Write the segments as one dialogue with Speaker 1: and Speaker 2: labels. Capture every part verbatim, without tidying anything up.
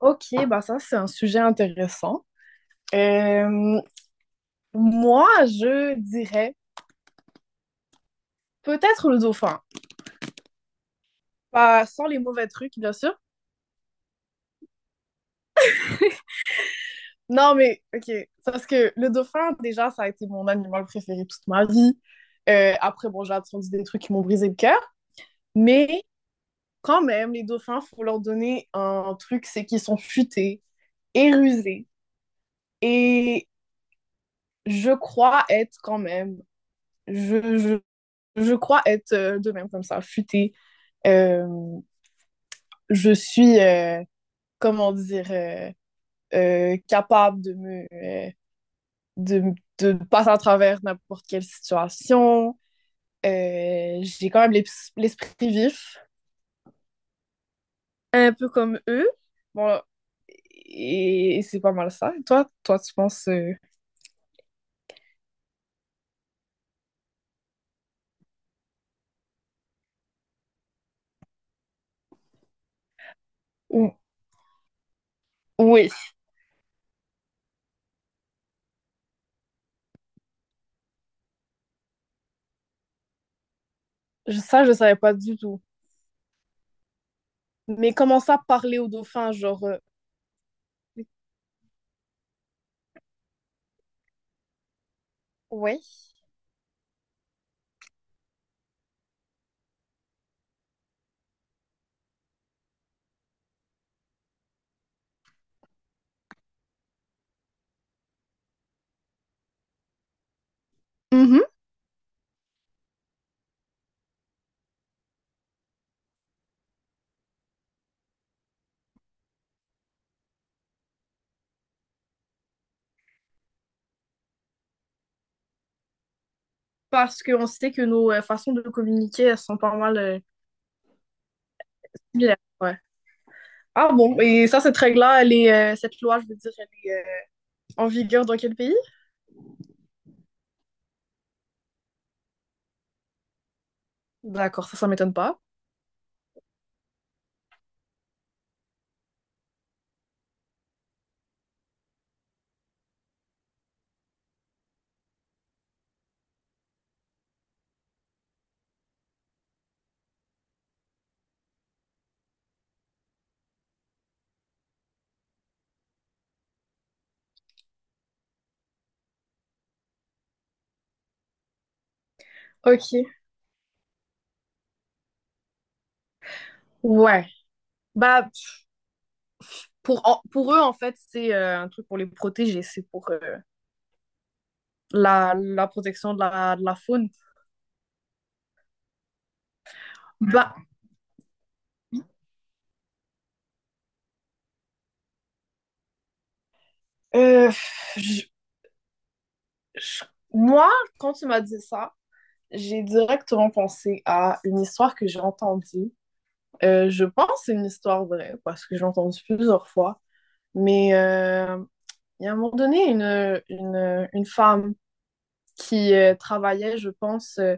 Speaker 1: OK, bah ça, c'est un sujet intéressant. Euh, Moi, je dirais peut-être le dauphin. Pas sans les mauvais trucs, bien sûr. Non, mais OK. Parce que le dauphin, déjà, ça a été mon animal préféré toute ma vie. Euh, après, bon, j'ai entendu des trucs qui m'ont brisé le cœur. Mais quand même, les dauphins, faut leur donner un truc, c'est qu'ils sont futés et rusés. Et je crois être quand même, je, je, je crois être euh, de même comme ça, futés. Euh, je suis, euh, comment dire, euh, euh, capable de me, euh, de, de passer à travers n'importe quelle situation. Euh, j'ai quand même l'esprit vif, un peu comme eux. Bon, et, et c'est pas mal ça. Et toi, toi, tu penses... euh, ou- Oui. Je- ça, je savais pas du tout. Mais comment ça, parler aux dauphins, genre... euh, Oui. Mhm. Parce qu'on sait que nos euh, façons de communiquer, elles sont pas mal euh, similaires. Ouais. Ah bon, et ça, cette règle-là, elle est, euh, cette loi, je veux dire, elle est euh, en vigueur dans quel pays? D'accord, ça, ça m'étonne pas. Ok. Ouais. Bah, pour, en- pour eux, en fait, c'est euh, un truc pour les protéger, c'est pour euh, la, la protection de la, de la faune. Bah, euh, je- moi, quand tu m'as dit ça, j'ai directement pensé à une histoire que j'ai entendue. Euh, je pense que c'est une histoire vraie parce que j'ai entendu plusieurs fois. Mais euh, il y a un moment donné, une, une, une femme qui euh, travaillait, je pense, euh,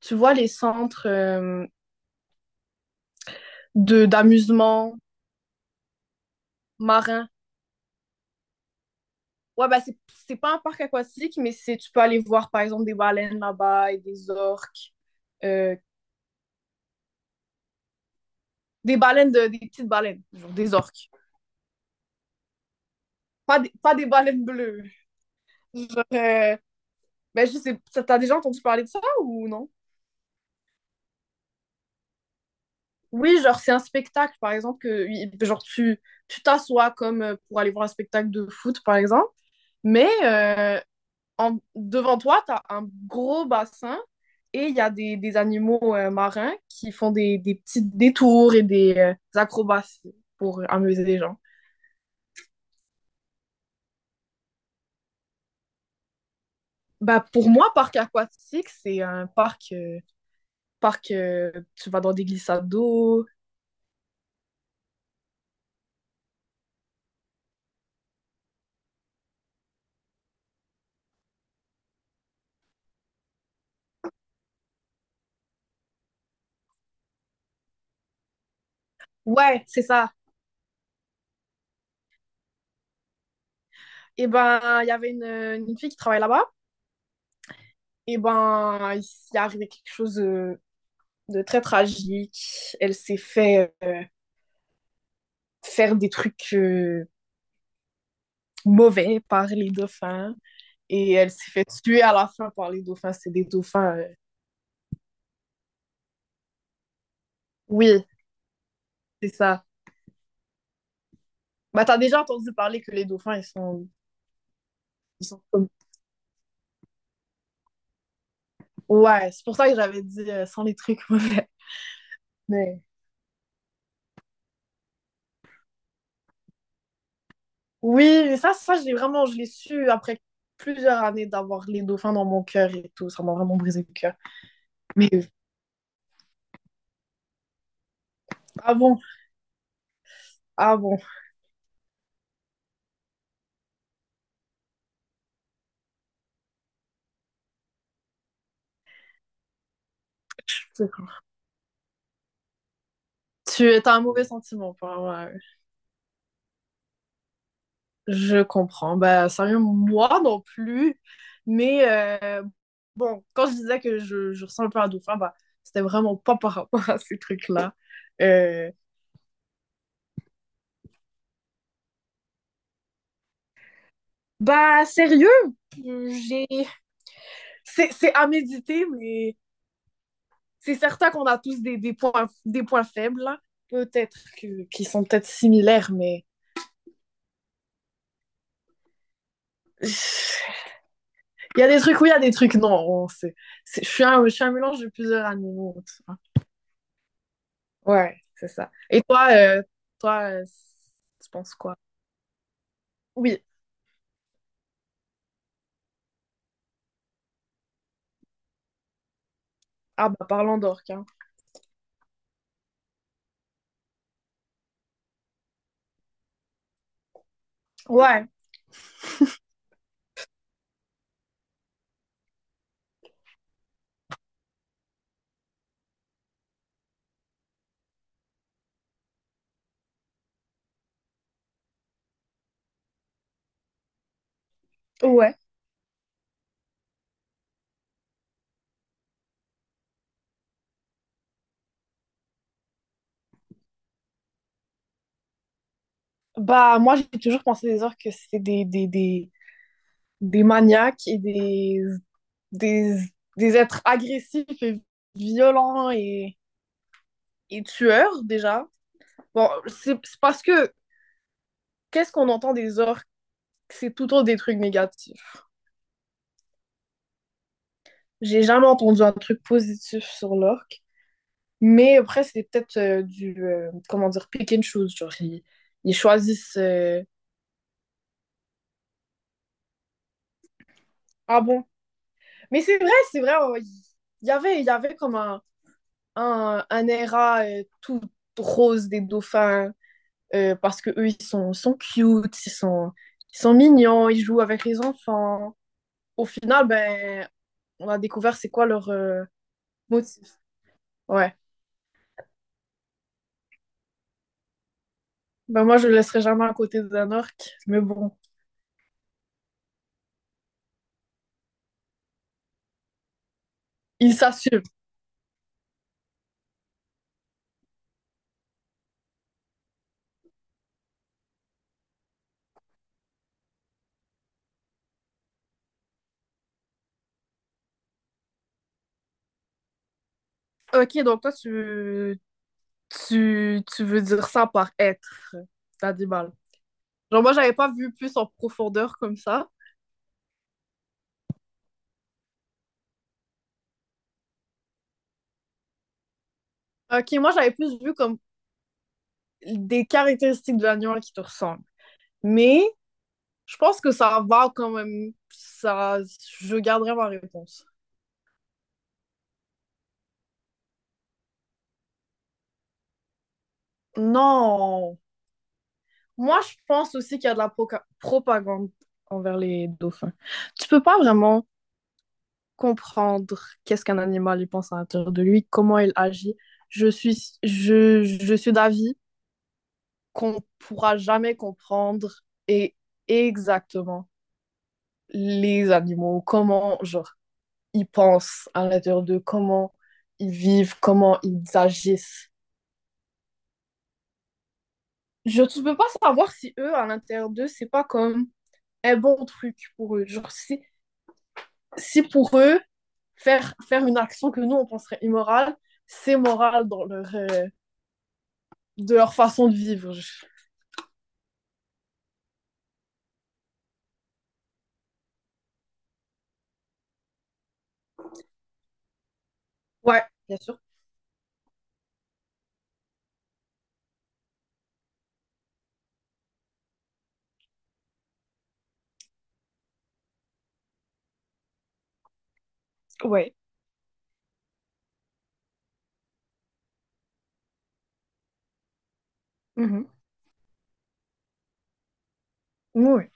Speaker 1: tu vois, les centres euh, de d'amusement marin. Ouais, bah c'est c'est pas un parc aquatique, mais c'est tu peux aller voir, par exemple, des baleines là-bas et des orques. Euh, des baleines, de, des petites baleines, genre des orques. Pas des, pas des baleines bleues. Genre, euh, ben, je sais, t'as t'as déjà entendu parler de ça ou non? Oui, genre, c'est un spectacle, par exemple, que oui, genre, tu tu t'assois comme euh, pour aller voir un spectacle de foot, par exemple, mais euh, en, devant toi, t'as un gros bassin et il y a des, des animaux euh, marins qui font des, des petits détours et des euh, acrobaties pour amuser les gens. Bah, pour moi, parc aquatique, c'est un parc, euh, parc euh, tu vas dans des glissades d'eau. Ouais, c'est ça. Et ben, il y avait une, une fille qui travaille là-bas. Et ben, il s'est arrivé quelque chose de, de très tragique. Elle s'est fait euh, faire des trucs euh, mauvais par les dauphins. Et elle s'est fait tuer à la fin par les dauphins. C'est des dauphins. Euh, Oui, c'est ça. Bah, t'as déjà entendu parler que les dauphins, ils sont, ils sont comme. Ouais, c'est pour ça que j'avais dit euh, sans les trucs mauvais. Mais oui, mais ça, ça, je l'ai vraiment, je l'ai su après plusieurs années d'avoir les dauphins dans mon cœur et tout. Ça m'a vraiment brisé le cœur. Mais ah bon, ah bon. Je comprends. Tu as un mauvais sentiment. Par- ouais, je comprends. Ben, sérieux, moi non plus. Mais euh, bon, quand je disais que je, je ressens un peu un dauphin, bah, c'était vraiment pas par rapport à ces trucs-là. Euh, Bah, sérieux, j'ai... C'est, c'est à méditer, mais c'est certain qu'on a tous des, des, points, des points faibles, là. Peut-être que, qui sont peut-être similaires, mais il y a des trucs oui, il y a des trucs non. c'est, c'est, je, suis un, je suis un mélange de plusieurs animaux. Tu vois. Ouais, c'est ça. Et toi, euh, toi, euh, tu penses quoi? Oui, ah bah parlons d'orques. Hein. Ouais, ouais. Bah moi, j'ai toujours pensé des orques que c'est des, des, des, des maniaques et des, des, des êtres agressifs et violents et, et tueurs déjà. Bon, c'est c'est parce que qu'est-ce qu'on entend des orques? C'est tout autre des trucs négatifs. J'ai jamais entendu un truc positif sur l'orque. Mais après, c'est peut-être euh, du, euh, comment dire, pick and choose. Genre, ils, ils choisissent. Euh, ah bon? Mais c'est vrai, c'est vrai. Euh, il y avait, il y avait comme un, un, un era euh, tout rose des dauphins euh, parce que eux, ils sont, sont cute, ils sont, ils sont mignons, ils jouent avec les enfants. Au final, ben, on a découvert c'est quoi leur, euh, motif. Ouais. Ben moi, je le laisserai jamais à côté d'un orque, mais bon, il s'assume. Ok, donc toi, tu, tu, tu veux dire ça par être l'animal. Genre, moi, j'avais pas vu plus en profondeur comme ça. Ok, moi, j'avais plus vu comme des caractéristiques de l'animal qui te ressemblent. Mais je pense que ça va quand même. Ça, je garderai ma réponse. Non. Moi, je pense aussi qu'il y a de la proca- propagande envers les dauphins. Tu peux pas vraiment comprendre qu'est-ce qu'un animal il pense à l'intérieur de lui, comment il agit. Je suis, je, je suis d'avis qu'on ne pourra jamais comprendre et exactement les animaux, comment genre, ils pensent à l'intérieur d'eux, comment ils vivent, comment ils agissent. Je ne peux pas savoir si eux, à l'intérieur d'eux, c'est pas comme un bon truc pour eux. Genre, si, si pour eux, faire, faire une action que nous, on penserait immorale, c'est moral dans leur, euh, de leur façon de vivre. Ouais, bien sûr. Ouais. Ouais.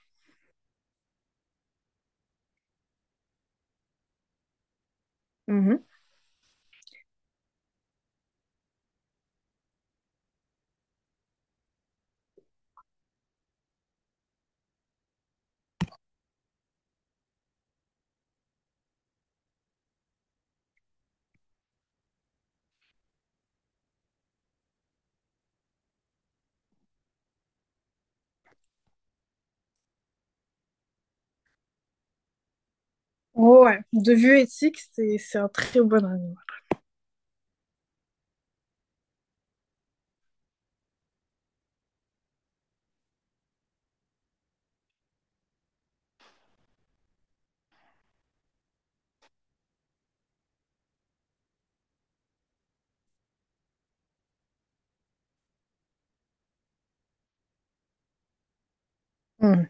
Speaker 1: Ouais. De vue éthique, c'est c'est un très bon animal. Mm.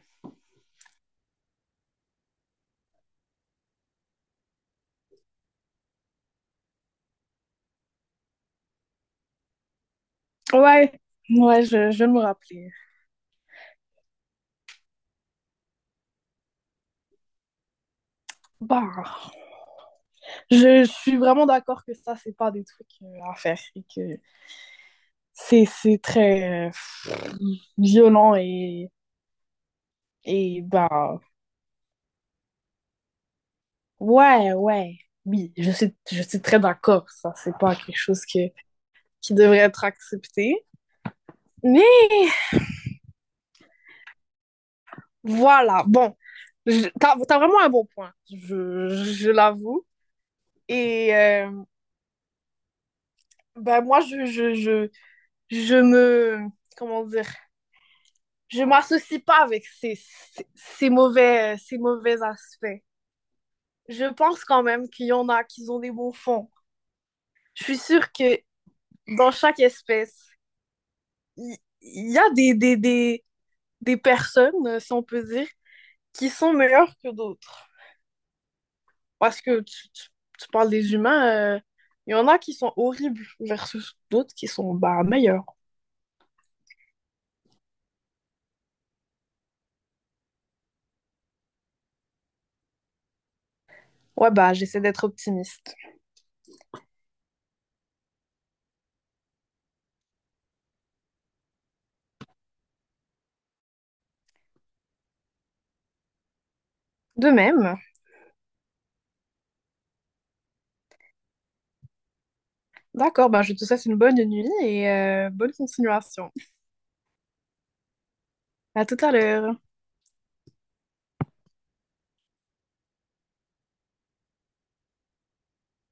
Speaker 1: Ouais. Ouais, je, je me rappeler. Bah, je, je suis vraiment d'accord que ça, c'est pas des trucs euh, à faire et que c'est c'est très euh, violent et, et bah, ouais, ouais. Oui, je suis, je suis très d'accord. Ça, c'est pas quelque chose que, qui devrait être accepté. Mais voilà, bon, je- t'as, t'as vraiment un bon point, je, je l'avoue. Et euh, ben moi, je, je, je, je me, comment dire, je m'associe pas avec ces, ces, ces mauvais, ces mauvais aspects. Je pense quand même qu'il y en a qui ont des bons fonds. Je suis sûre que dans chaque espèce, il il y, a des, des, des, des personnes, si on peut dire, qui sont meilleures que d'autres. Parce que tu, tu- tu parles des humains, euh, il y en a qui sont horribles versus d'autres qui sont bah, meilleurs. Ouais, bah, j'essaie d'être optimiste. De même. D'accord, bah, je te souhaite une bonne nuit et euh, bonne continuation. À tout à l'heure.